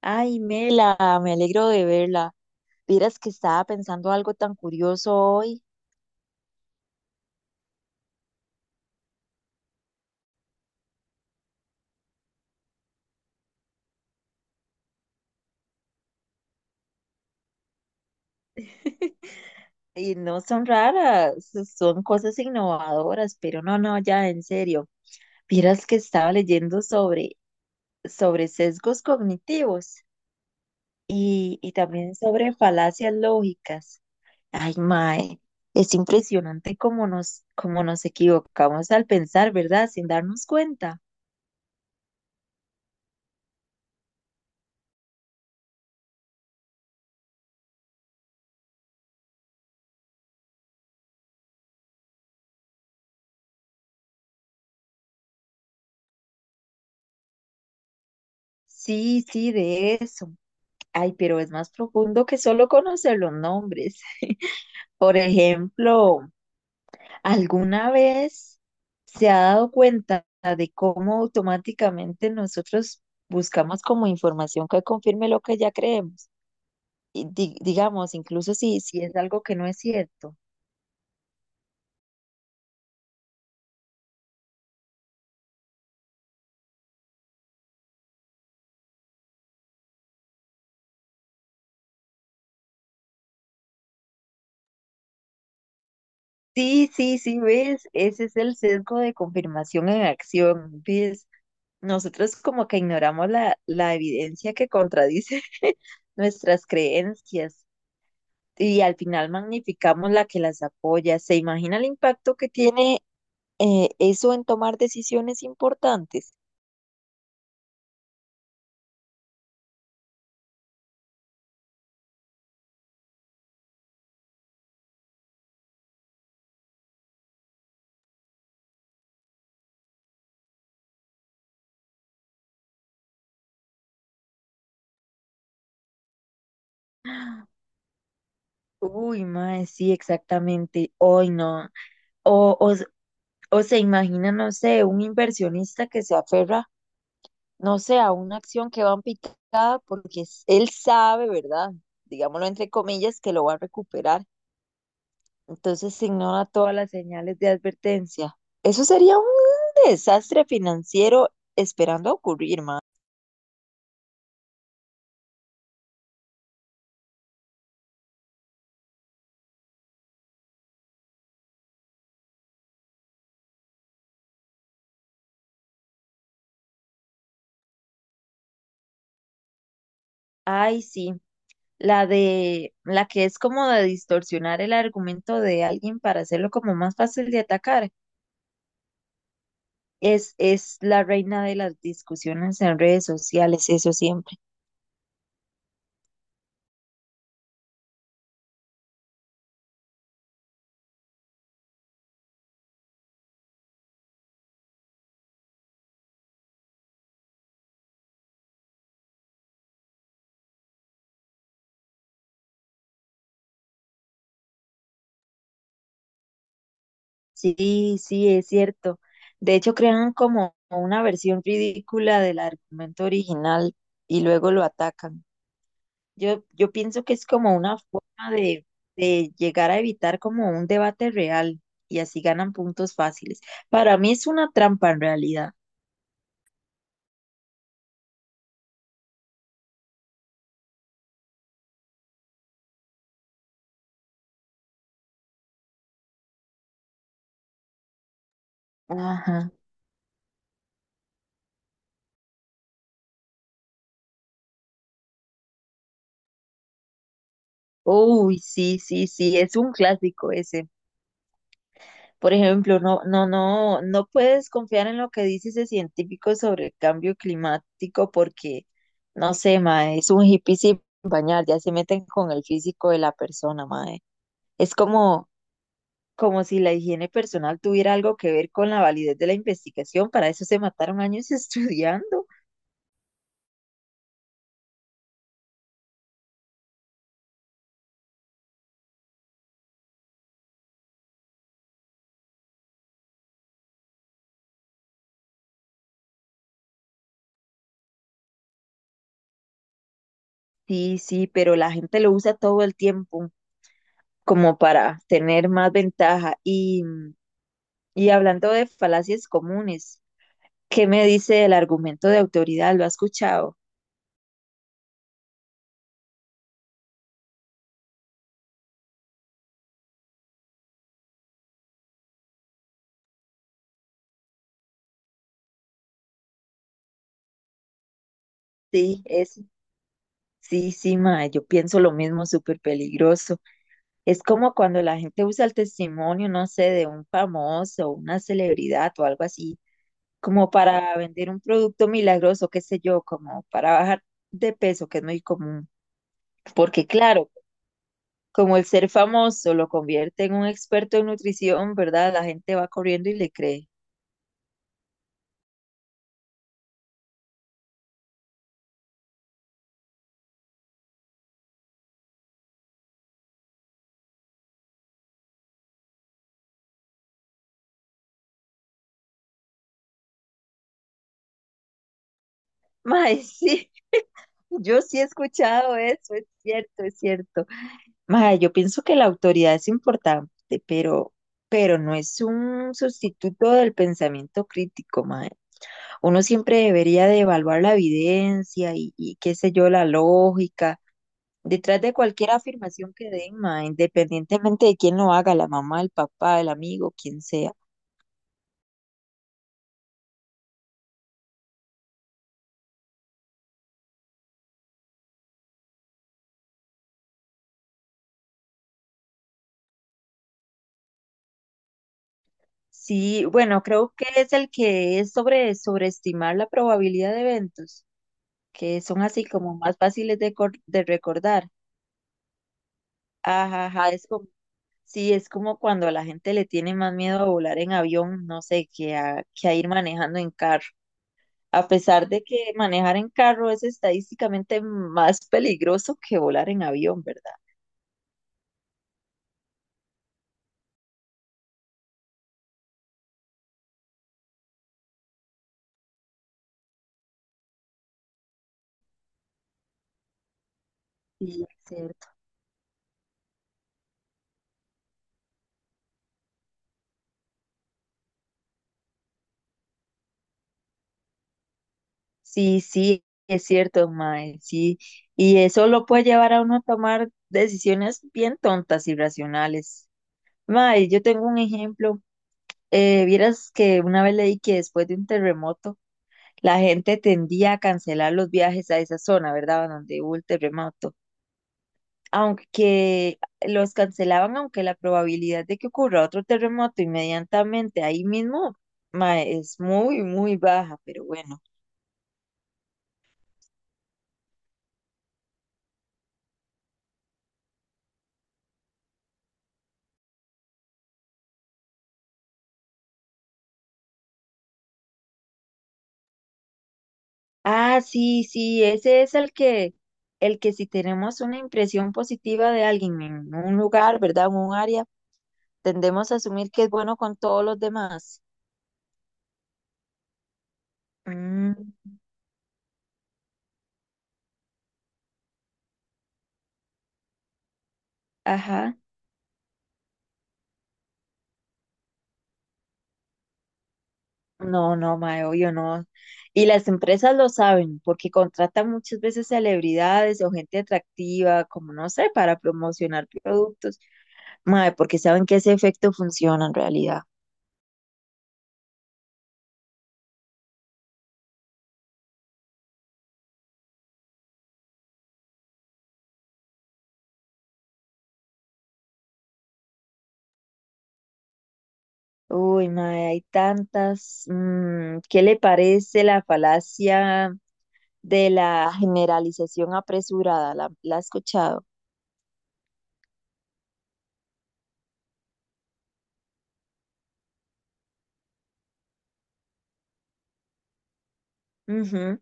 Ay, Mela, me alegro de verla. Vieras que estaba pensando algo tan curioso hoy. Y no son raras, son cosas innovadoras, pero no, no, ya en serio. Vieras que estaba leyendo sobre sesgos cognitivos y también sobre falacias lógicas. Ay, mae, es impresionante cómo nos equivocamos al pensar, ¿verdad? Sin darnos cuenta. Sí, sí, de eso. Ay, pero es más profundo que solo conocer los nombres. Por ejemplo, ¿alguna vez se ha dado cuenta de cómo automáticamente nosotros buscamos como información que confirme lo que ya creemos? Y digamos, incluso si es algo que no es cierto. Sí, sí, sí, ves, ese es el sesgo de confirmación en acción, ves. Nosotros como que ignoramos la evidencia que contradice nuestras creencias. Y al final magnificamos la que las apoya. ¿Se imagina el impacto que tiene eso en tomar decisiones importantes? Uy, mae, sí, exactamente. Hoy no. O, o, s- o se imagina, no sé, un inversionista que se aferra, no sé, a una acción que va en picada porque él sabe, ¿verdad? Digámoslo entre comillas, que lo va a recuperar. Entonces se ignora todas las señales de advertencia. Eso sería un desastre financiero esperando a ocurrir, mae. Ay, sí, la de la que es como de distorsionar el argumento de alguien para hacerlo como más fácil de atacar. Es la reina de las discusiones en redes sociales, eso siempre. Sí, sí, es cierto. De hecho, crean como una versión ridícula del argumento original y luego lo atacan. Yo pienso que es como una forma de llegar a evitar como un debate real y así ganan puntos fáciles. Para mí es una trampa en realidad. Ajá. Uy, sí, sí, sí, es un clásico ese. Por ejemplo, no, no, no, no puedes confiar en lo que dice ese científico sobre el cambio climático porque, no sé, mae, es un hippie sin bañar, ya se meten con el físico de la persona, mae. Es como, como si la higiene personal tuviera algo que ver con la validez de la investigación, para eso se mataron años estudiando. Sí, sí, pero la gente lo usa todo el tiempo como para tener más ventaja y hablando de falacias comunes, ¿qué me dice el argumento de autoridad? ¿Lo ha escuchado? Sí, sí, sí, mae, yo pienso lo mismo, súper peligroso. Es como cuando la gente usa el testimonio, no sé, de un famoso, una celebridad o algo así, como para vender un producto milagroso, qué sé yo, como para bajar de peso, que es muy común. Porque claro, como el ser famoso lo convierte en un experto en nutrición, ¿verdad? La gente va corriendo y le cree. Mae, sí. Yo sí he escuchado eso, es cierto, es cierto. Mae, yo pienso que la autoridad es importante, pero no es un sustituto del pensamiento crítico, mae. Uno siempre debería de evaluar la evidencia y qué sé yo, la lógica. Detrás de cualquier afirmación que den, mae, independientemente de quién lo haga, la mamá, el papá, el amigo, quien sea. Sí, bueno, creo que es el que es sobre sobreestimar la probabilidad de eventos que son así como más fáciles de, de recordar. Ajá, ajá, es como, sí, es como cuando a la gente le tiene más miedo a volar en avión, no sé, que a ir manejando en carro. A pesar de que manejar en carro es estadísticamente más peligroso que volar en avión, ¿verdad? Sí, es cierto. Sí, sí, es cierto, mae, sí. Y eso lo puede llevar a uno a tomar decisiones bien tontas y racionales. Mae, yo tengo un ejemplo. Vieras que una vez leí que después de un terremoto, la gente tendía a cancelar los viajes a esa zona, ¿verdad? Donde hubo el terremoto. Aunque los cancelaban, aunque la probabilidad de que ocurra otro terremoto inmediatamente ahí mismo ma, es muy, muy baja, pero bueno. Ah, sí, sí, ese es el que si tenemos una impresión positiva de alguien en un lugar, ¿verdad? En un área, tendemos a asumir que es bueno con todos los demás. Mm, ajá. No, no, mae, obvio no. Y las empresas lo saben, porque contratan muchas veces celebridades o gente atractiva, como no sé, para promocionar productos. Mae, porque saben que ese efecto funciona en realidad. Uy, mae, hay tantas. Mm, ¿qué le parece la falacia de la generalización apresurada? La ha escuchado? Ujú.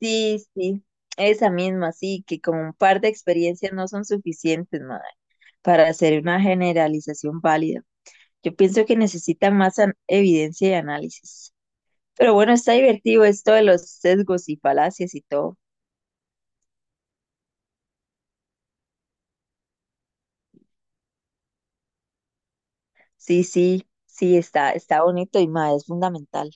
Sí, sí. Esa misma, sí, que con un par de experiencias no son suficientes, madre, para hacer una generalización válida. Yo pienso que necesita más evidencia y análisis. Pero bueno, está divertido esto de los sesgos y falacias y todo. Sí, sí, sí, está, está bonito y más, es fundamental.